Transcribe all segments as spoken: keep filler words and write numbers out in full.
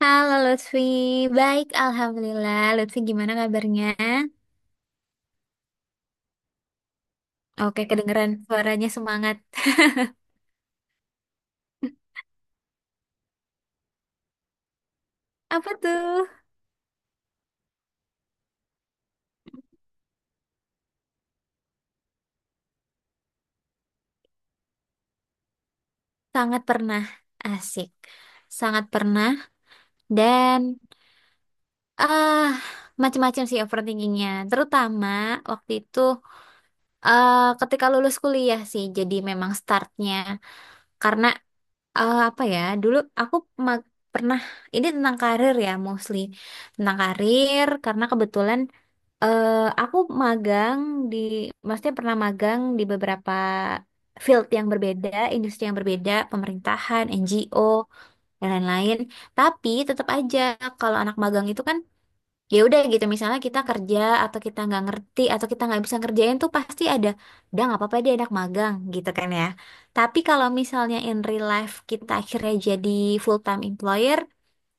Halo Lutfi, baik Alhamdulillah. Lutfi gimana kabarnya? Oke, kedengeran suaranya semangat. Apa tuh? Sangat pernah, asik. Sangat pernah dan ah macam-macam sih overthinkingnya. Terutama waktu itu eh ketika lulus kuliah sih. Jadi memang startnya karena eh, apa ya? Dulu aku ma- pernah ini tentang karir ya mostly, tentang karir karena kebetulan Eh, aku magang di, maksudnya pernah magang di beberapa field yang berbeda, industri yang berbeda, pemerintahan, N G O, dan lain-lain. Tapi tetap aja kalau anak magang itu kan, ya udah gitu. Misalnya kita kerja atau kita nggak ngerti atau kita nggak bisa ngerjain tuh pasti ada, udah nggak apa-apa dia anak magang gitu kan ya. Tapi kalau misalnya in real life kita akhirnya jadi full time employer,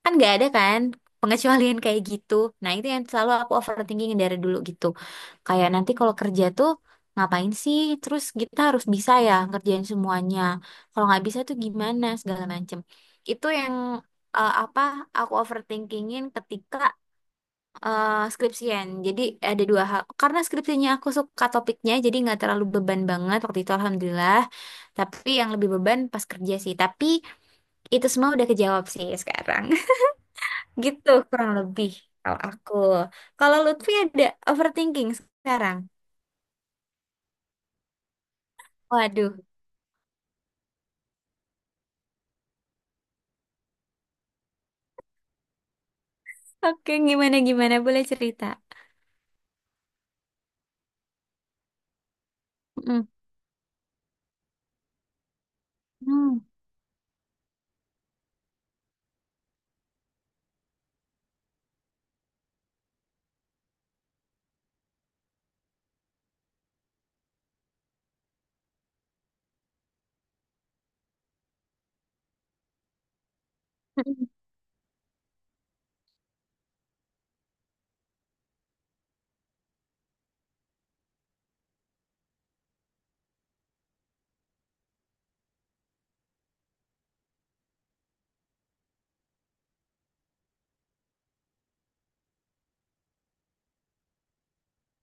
kan nggak ada kan pengecualian kayak gitu, nah itu yang selalu aku overthinking dari dulu gitu, kayak nanti kalau kerja tuh ngapain sih, terus kita harus bisa ya ngerjain semuanya, kalau nggak bisa tuh gimana segala macem. Itu yang eh, apa aku overthinkingin ketika eh, skripsian. Jadi ada dua hal, karena skripsinya aku suka topiknya, jadi nggak terlalu beban banget waktu itu alhamdulillah, tapi yang lebih beban pas kerja sih. Tapi itu semua udah kejawab sih sekarang. Gitu kurang lebih kalau aku. Kalau Lutfi ada overthinking sekarang? Waduh. Oke, gimana gimana boleh cerita. Mm-mm. Hmm.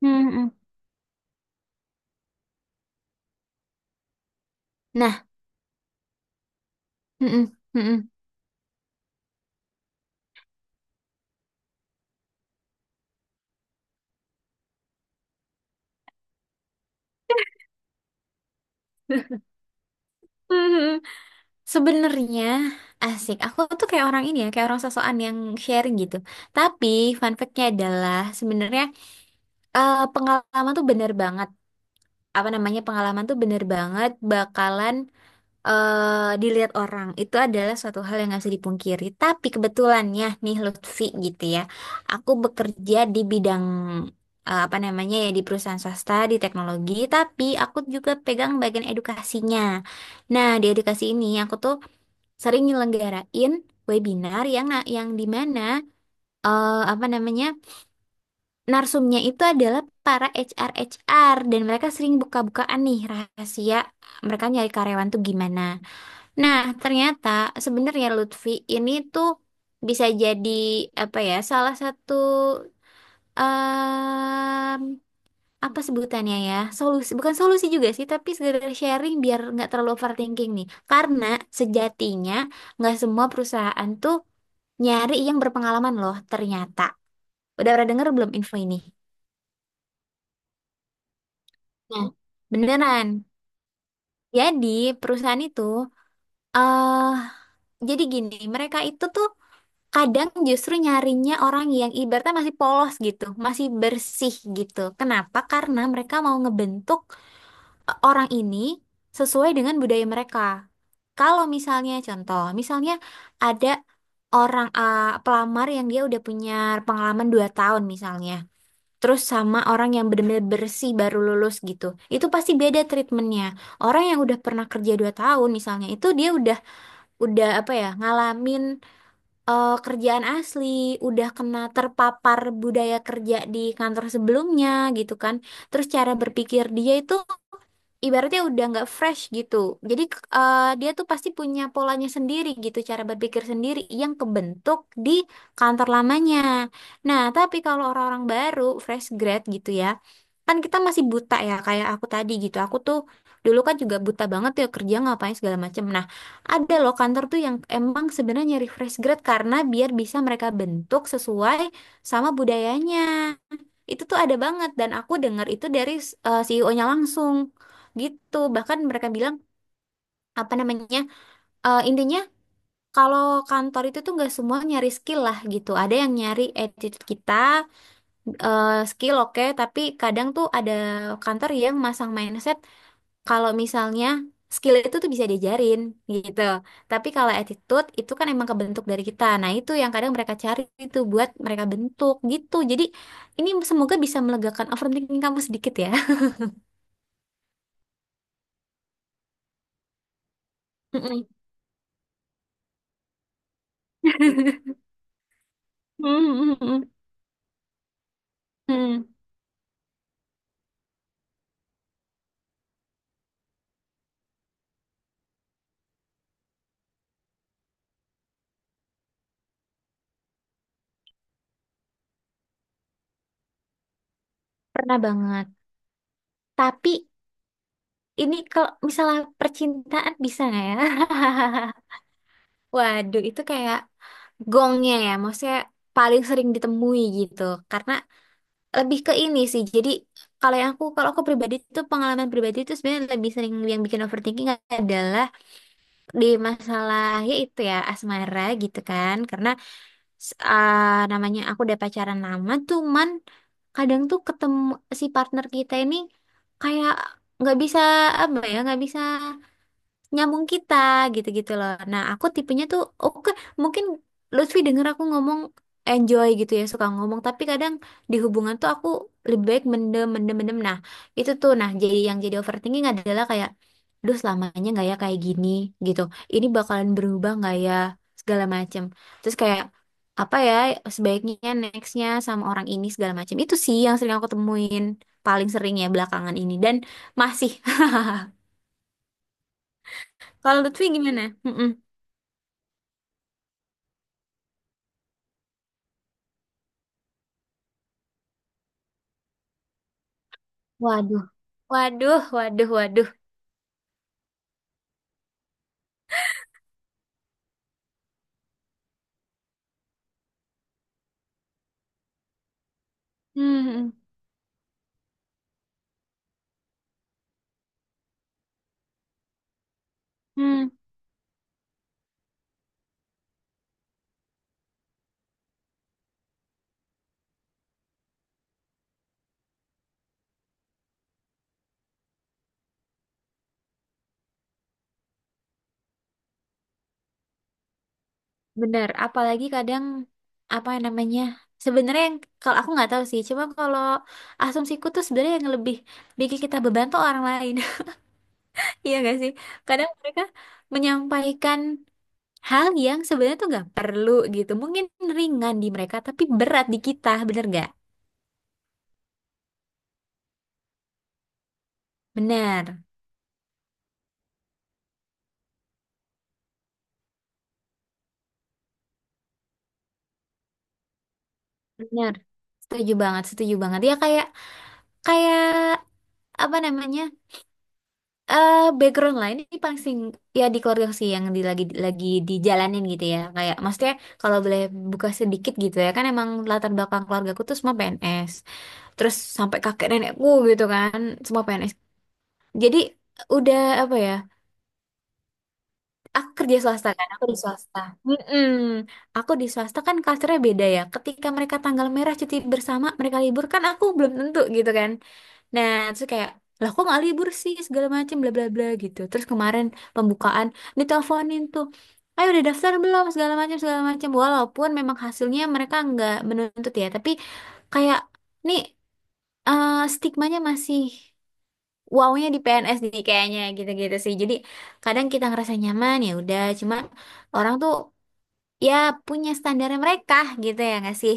Mm-mm. Mm-mm. Nah, mm-mm. Mm-mm. Mhm. Sebenarnya asik. Aku tuh kayak orang ini ya, kayak orang sosokan yang sharing gitu. Tapi fun fact-nya adalah sebenarnya eh, pengalaman tuh bener banget. Apa namanya, pengalaman tuh bener banget bakalan eh, dilihat orang itu adalah suatu hal yang nggak bisa dipungkiri. Tapi kebetulannya nih Lutfi gitu ya, aku bekerja di bidang eh, apa namanya ya, di perusahaan swasta di teknologi, tapi aku juga pegang bagian edukasinya. Nah di edukasi ini aku tuh sering nyelenggarain webinar yang na- yang di mana eh, apa namanya narsumnya itu adalah para H R HR dan mereka sering buka-bukaan nih rahasia mereka nyari karyawan tuh gimana. Nah, ternyata sebenarnya Lutfi ini tuh bisa jadi apa ya, salah satu em, apa sebutannya ya, solusi, bukan solusi juga sih, tapi sekedar sharing biar nggak terlalu overthinking nih. Karena sejatinya nggak semua perusahaan tuh nyari yang berpengalaman loh. Ternyata, udah pernah denger belum info ini? Nah, beneran. Jadi perusahaan itu, eh jadi gini, mereka itu tuh kadang justru nyarinya orang yang ibaratnya masih polos gitu, masih bersih gitu. Kenapa? Karena mereka mau ngebentuk eh, orang ini sesuai dengan budaya mereka. Kalau misalnya contoh, misalnya ada orang eh, pelamar yang dia udah punya pengalaman dua tahun misalnya. Terus sama orang yang benar-benar bersih baru lulus gitu. Itu pasti beda treatmentnya. Orang yang udah pernah kerja dua tahun misalnya, itu dia udah udah apa ya, ngalamin eh, kerjaan asli, udah kena terpapar budaya kerja di kantor sebelumnya gitu kan. Terus cara berpikir dia itu ibaratnya udah nggak fresh gitu. Jadi k- eh, dia tuh pasti punya polanya sendiri gitu, cara berpikir sendiri yang kebentuk di kantor lamanya. Nah, tapi kalau orang-orang baru, fresh grad gitu ya, kan kita masih buta ya, kayak aku tadi gitu. Aku tuh dulu kan juga buta banget ya kerja ngapain segala macem. Nah, ada loh kantor tuh yang emang sebenarnya nyari fresh grad karena biar bisa mereka bentuk sesuai sama budayanya. Itu tuh ada banget, dan aku dengar itu dari eh, C E O-nya langsung gitu. Bahkan mereka bilang apa namanya, eh, intinya kalau kantor itu tuh nggak semua nyari skill lah gitu, ada yang nyari attitude kita. Eh, skill oke, tapi kadang tuh ada kantor yang masang mindset kalau misalnya skill itu tuh bisa diajarin gitu, tapi kalau attitude itu kan emang kebentuk dari kita. Nah itu yang kadang mereka cari, itu buat mereka bentuk gitu. Jadi ini semoga bisa melegakan overthinking kamu sedikit ya. Mm-mm. Mm-mm. Mm-mm. Pernah banget. Tapi ini kalau misalnya percintaan bisa nggak ya? Waduh, itu kayak gongnya ya, maksudnya paling sering ditemui gitu. Karena lebih ke ini sih. Jadi kalau yang aku, kalau aku pribadi itu, pengalaman pribadi itu sebenarnya lebih sering yang bikin overthinking adalah di masalah ya itu ya asmara gitu kan. Karena s- ah, namanya aku udah pacaran lama, cuman kadang tuh ketemu si partner kita ini kayak nggak bisa apa ya, nggak bisa nyambung kita gitu-gitu loh. Nah, aku tipenya tuh oke, mungkin Lutfi denger aku ngomong enjoy gitu ya, suka ngomong, tapi kadang di hubungan tuh aku lebih baik mendem mendem mendem. Nah, itu tuh nah jadi yang jadi overthinking adalah kayak duh, selamanya nggak ya kayak gini gitu. Ini bakalan berubah nggak ya segala macem. Terus kayak apa ya, sebaiknya nextnya sama orang ini segala macem. Itu sih yang sering aku temuin paling sering ya belakangan ini, dan masih. Kalau Lutfi gimana? Mm-mm. Waduh, waduh, waduh, waduh. Hmm, hmm. Hmm. Benar. Apalagi kadang apa namanya? Sebenarnya yang kalau aku nggak tahu sih, cuma kalau asumsiku tuh sebenarnya yang lebih bikin kita beban tuh orang lain. Iya nggak sih? Kadang mereka menyampaikan hal yang sebenarnya tuh nggak perlu gitu. Mungkin ringan di mereka, tapi berat di kita, bener nggak? Bener, bener. Setuju banget, setuju banget. Ya kayak kayak apa namanya? Eh background lain ini paling sing- ya di keluarga sih yang di, lagi lagi dijalanin gitu ya, kayak maksudnya kalau boleh buka sedikit gitu ya, kan emang latar belakang keluargaku tuh semua P N S, terus sampai kakek nenekku gitu kan, semua P N S. Jadi udah apa ya, aku kerja swasta kan, aku di swasta. Mm-mm. Aku di swasta kan culture-nya beda ya, ketika mereka tanggal merah cuti bersama mereka libur kan, aku belum tentu gitu kan. Nah, terus kayak, lah kok nggak libur sih segala macam bla bla bla gitu. Terus kemarin pembukaan diteleponin tuh, ayo udah daftar belum segala macam segala macam. Walaupun memang hasilnya mereka nggak menuntut ya, tapi kayak nih eh, stigmanya masih wownya di P N S nih kayaknya gitu-gitu sih. Jadi kadang kita ngerasa nyaman ya udah, cuma orang tuh ya punya standarnya mereka gitu ya nggak sih?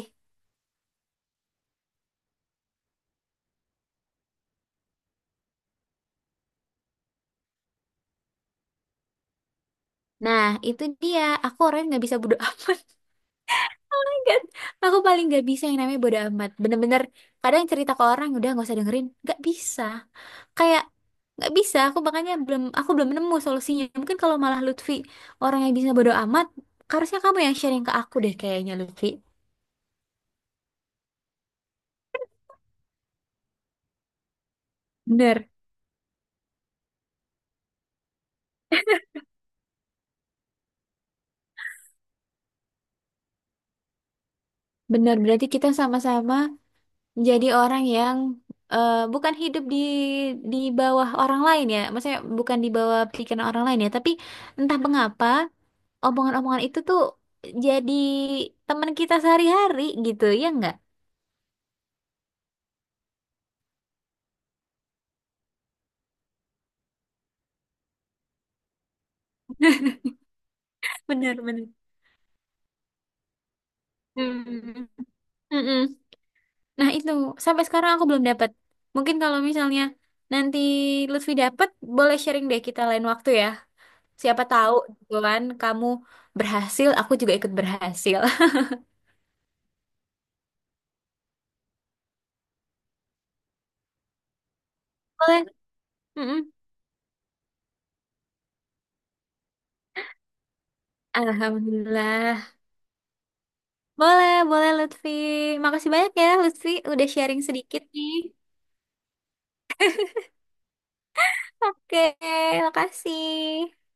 Nah, itu dia. Aku orangnya nggak bisa bodo. Kan, aku paling gak bisa yang namanya bodo amat. Bener-bener kadang cerita ke orang udah nggak usah dengerin. Gak bisa. Kayak nggak bisa. Aku makanya belum, aku belum nemu solusinya. Mungkin kalau malah Lutfi orang yang bisa bodo amat, harusnya kamu yang sharing ke aku deh kayaknya Lutfi. Bener. Bener berarti kita sama-sama menjadi orang yang eh, bukan hidup di di bawah orang lain ya. Maksudnya bukan di bawah pikiran orang lain ya, tapi entah mengapa omongan-omongan itu tuh jadi teman kita sehari-hari gitu ya nggak? Bener, bener. Hmm. Mm-mm. Nah itu sampai sekarang aku belum dapat. Mungkin kalau misalnya nanti Lutfi dapat, boleh sharing deh kita lain waktu ya. Siapa tahu gitu kan kamu berhasil, aku juga ikut berhasil. Boleh. Mm-mm. Alhamdulillah. Boleh, boleh Lutfi. Makasih banyak ya Lutfi udah sharing sedikit nih. Oke, makasih.